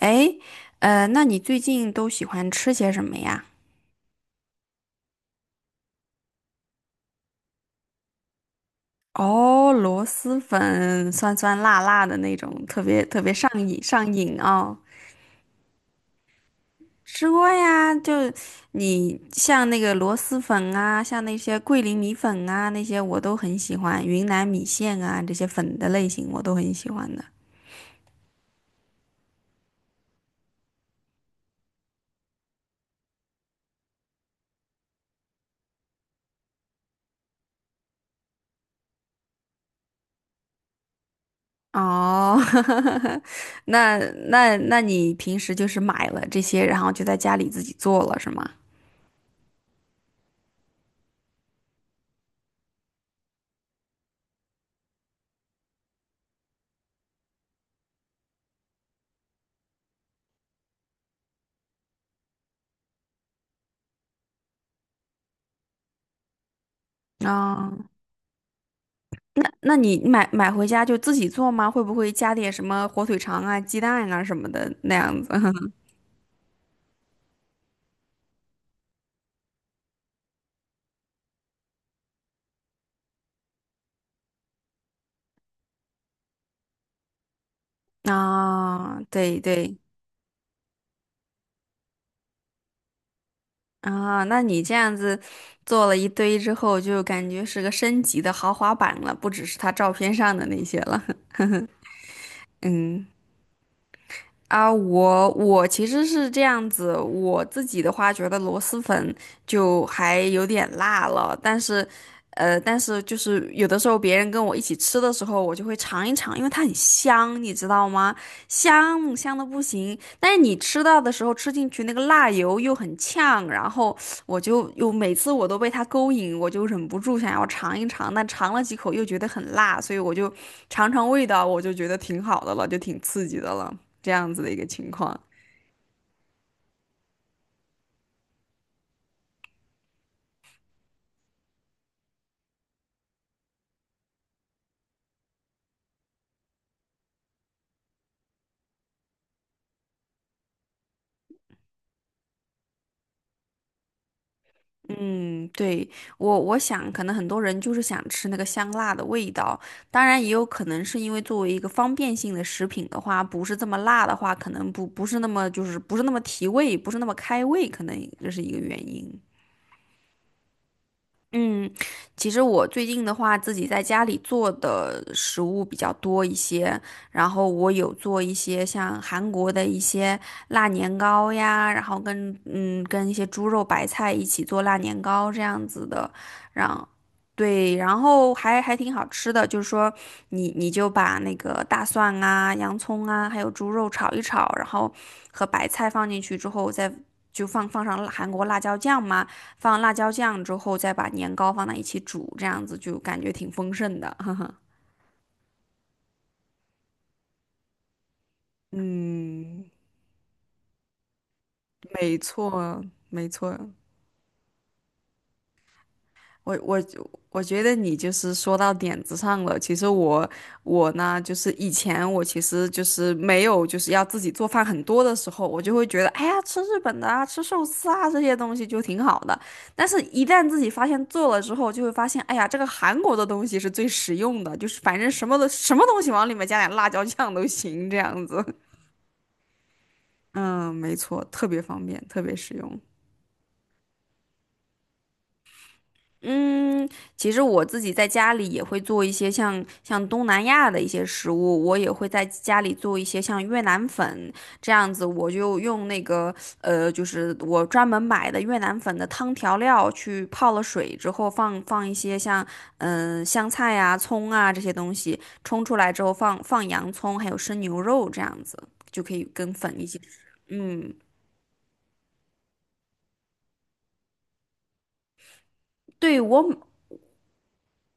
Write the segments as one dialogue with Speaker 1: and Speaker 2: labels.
Speaker 1: 诶，那你最近都喜欢吃些什么呀？哦，螺蛳粉，酸酸辣辣的那种，特别特别上瘾上瘾哦。吃过呀，就你像那个螺蛳粉啊，像那些桂林米粉啊，那些我都很喜欢，云南米线啊，这些粉的类型我都很喜欢的。哦，那那你平时就是买了这些，然后就在家里自己做了，是吗？哦那你买回家就自己做吗？会不会加点什么火腿肠啊、鸡蛋啊什么的那样子？啊，对对啊，那你这样子做了一堆之后，就感觉是个升级的豪华版了，不只是他照片上的那些了。嗯。啊，我其实是这样子，我自己的话觉得螺蛳粉就还有点辣了，但是，但是就是有的时候别人跟我一起吃的时候，我就会尝一尝，因为它很香，你知道吗？香香的不行，但是你吃到的时候吃进去那个辣油又很呛，然后我就又每次我都被它勾引，我就忍不住想要尝一尝，但尝了几口又觉得很辣，所以我就尝尝味道，我就觉得挺好的了，就挺刺激的了。这样子的一个情况。嗯，对，我想，可能很多人就是想吃那个香辣的味道，当然也有可能是因为作为一个方便性的食品的话，不是这么辣的话，可能不是那么就是不是那么提味，不是那么开胃，可能这是一个原因。嗯，其实我最近的话，自己在家里做的食物比较多一些，然后我有做一些像韩国的一些辣年糕呀，然后跟一些猪肉白菜一起做辣年糕这样子的，让对，然后还挺好吃的，就是说你就把那个大蒜啊、洋葱啊，还有猪肉炒一炒，然后和白菜放进去之后再。就放上辣韩国辣椒酱嘛，放辣椒酱之后，再把年糕放在一起煮，这样子就感觉挺丰盛的，嗯，没错，没错。我我我觉得你就是说到点子上了。其实我呢，就是以前我其实就是没有就是要自己做饭很多的时候，我就会觉得，哎呀，吃日本的啊，吃寿司啊这些东西就挺好的。但是，一旦自己发现做了之后，就会发现，哎呀，这个韩国的东西是最实用的，就是反正什么的什么东西往里面加点辣椒酱都行，这样子。嗯，没错，特别方便，特别实用。嗯，其实我自己在家里也会做一些像东南亚的一些食物，我也会在家里做一些像越南粉这样子，我就用那个就是我专门买的越南粉的汤调料去泡了水之后放一些像香菜啊、葱啊这些东西，冲出来之后放洋葱还有生牛肉这样子，就可以跟粉一起吃。嗯，对，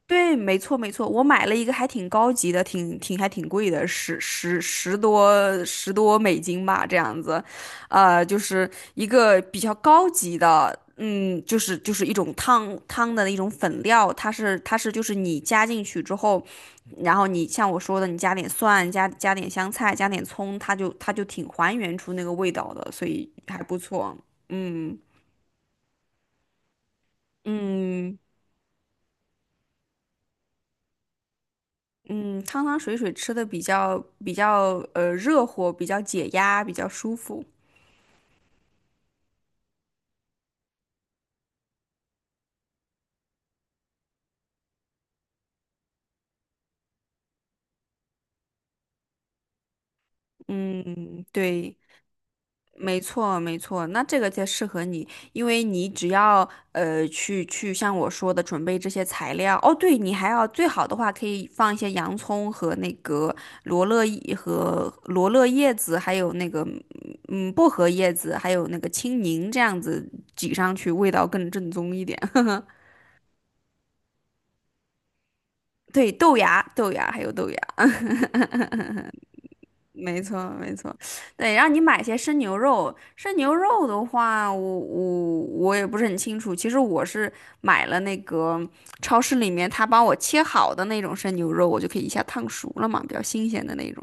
Speaker 1: 对，没错没错，我买了一个还挺高级的，还挺贵的，十多美金吧，这样子，就是一个比较高级的，嗯，就是就是一种汤汤的一种粉料，它是就是你加进去之后，然后你像我说的，你加点蒜，加点香菜，加点葱，它就挺还原出那个味道的，所以还不错，嗯嗯。嗯，汤汤水水吃的比较热乎，比较解压，比较舒服。嗯，对，没错没错，那这个才适合你，因为你只要去像我说的准备这些材料。哦，对，你还要最好的话可以放一些洋葱和那个罗勒叶和罗勒叶子，还有那个薄荷叶子，还有那个青柠这样子挤上去，味道更正宗一点。对，豆芽豆芽还有豆芽。没错，没错，对，让你买些生牛肉，生牛肉的话，我也不是很清楚。其实我是买了那个超市里面他帮我切好的那种生牛肉，我就可以一下烫熟了嘛，比较新鲜的那种。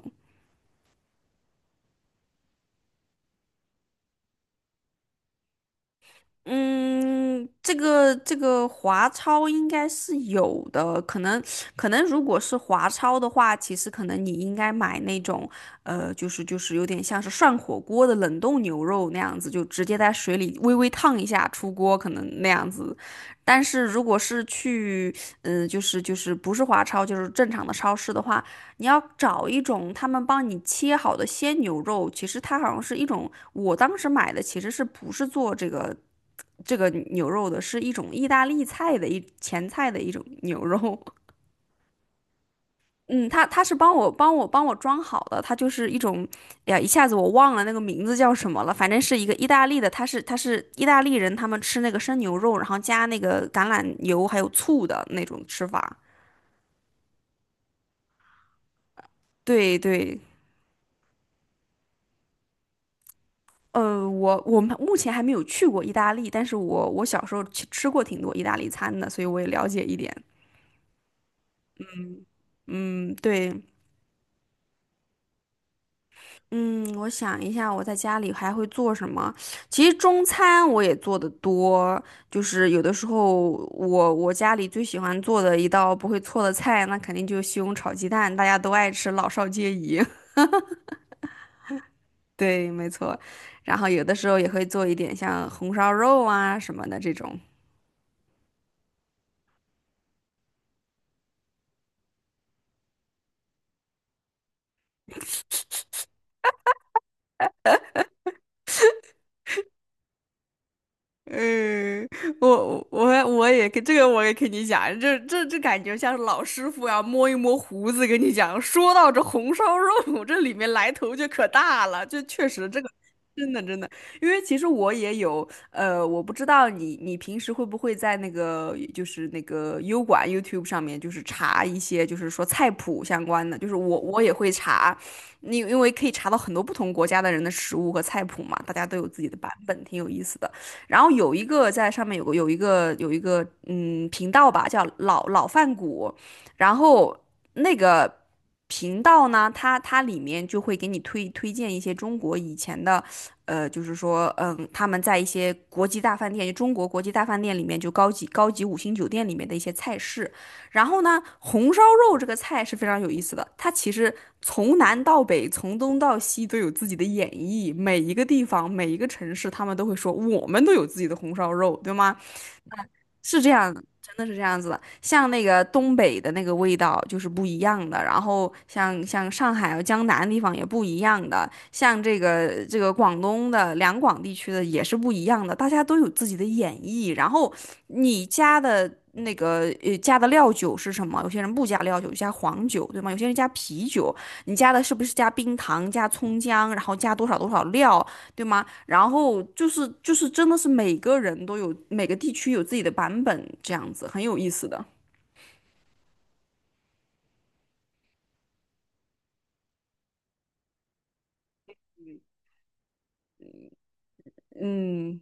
Speaker 1: 嗯，这个华超应该是有的，可能如果是华超的话，其实可能你应该买那种，就是有点像是涮火锅的冷冻牛肉那样子，就直接在水里微微烫一下出锅，可能那样子。但是如果是去，就是不是华超，就是正常的超市的话，你要找一种他们帮你切好的鲜牛肉，其实它好像是一种，我当时买的其实是不是做这个。这个牛肉的，是一种意大利菜的一前菜的一种牛肉。嗯，他是帮我装好的，它就是一种，哎呀，一下子我忘了那个名字叫什么了，反正是一个意大利的，他是意大利人，他们吃那个生牛肉，然后加那个橄榄油还有醋的那种吃法。对对，我们目前还没有去过意大利，但是我小时候吃过挺多意大利餐的，所以我也了解一点。嗯，对，嗯，我想一下，我在家里还会做什么？其实中餐我也做的多，就是有的时候我家里最喜欢做的一道不会错的菜，那肯定就是西红柿炒鸡蛋，大家都爱吃，老少皆宜。对，没错。然后有的时候也会做一点像红烧肉啊什么的这种。嗯，我也跟这个也跟你讲，这感觉像是老师傅要摸一摸胡子跟你讲。说到这红烧肉，这里面来头就可大了，就确实这个真的真的，因为其实我也有呃，我不知道你平时会不会在那个就是那个优管 YouTube 上面就是查一些就是说菜谱相关的，就是我也会查，你因为可以查到很多不同国家的人的食物和菜谱嘛，大家都有自己的版本，挺有意思的。然后有一个在上面有个有一个有一个嗯频道吧，叫老老饭骨，然后那个频道呢，它里面就会给你推荐一些中国以前的，就是说他们在一些国际大饭店，就中国国际大饭店里面就高级五星酒店里面的一些菜式，然后呢，红烧肉这个菜是非常有意思的，它其实从南到北，从东到西都有自己的演绎，每一个地方、每一个城市，他们都会说我们都有自己的红烧肉，对吗？是这样的真的是这样子的。像那个东北的那个味道就是不一样的，然后像上海啊、江南地方也不一样的，像这个广东的两广地区的也是不一样的，大家都有自己的演绎。然后你加的那个加的料酒是什么？有些人不加料酒，加黄酒，对吗？有些人加啤酒，你加的是不是加冰糖、加葱姜，然后加多少多少料？对吗？然后就是真的是每个人都有每个地区有自己的版本，这样子很有意思的。嗯。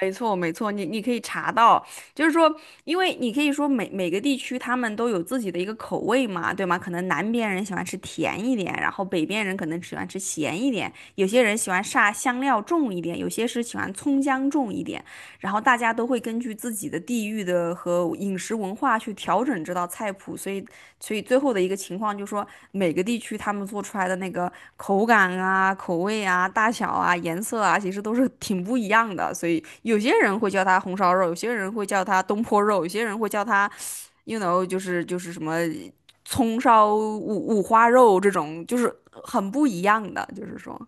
Speaker 1: 没错，没错，你可以查到，就是说，因为你可以说每个地区他们都有自己的一个口味嘛，对吗？可能南边人喜欢吃甜一点，然后北边人可能喜欢吃咸一点，有些人喜欢煞香料重一点，有些是喜欢葱姜重一点，然后大家都会根据自己的地域的和饮食文化去调整这道菜谱，所以最后的一个情况就是说，每个地区他们做出来的那个口感啊、口味啊、大小啊、颜色啊，其实都是挺不一样的。所以有些人会叫它红烧肉，有些人会叫它东坡肉，有些人会叫它，you know，就是什么葱烧五花肉这种，就是很不一样的。就是说，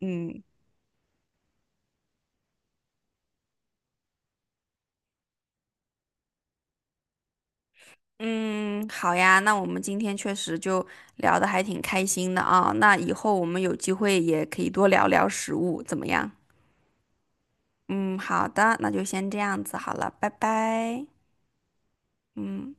Speaker 1: 嗯嗯，好呀，那我们今天确实就聊得还挺开心的啊。那以后我们有机会也可以多聊聊食物，怎么样？嗯，好的，那就先这样子好了，拜拜。嗯。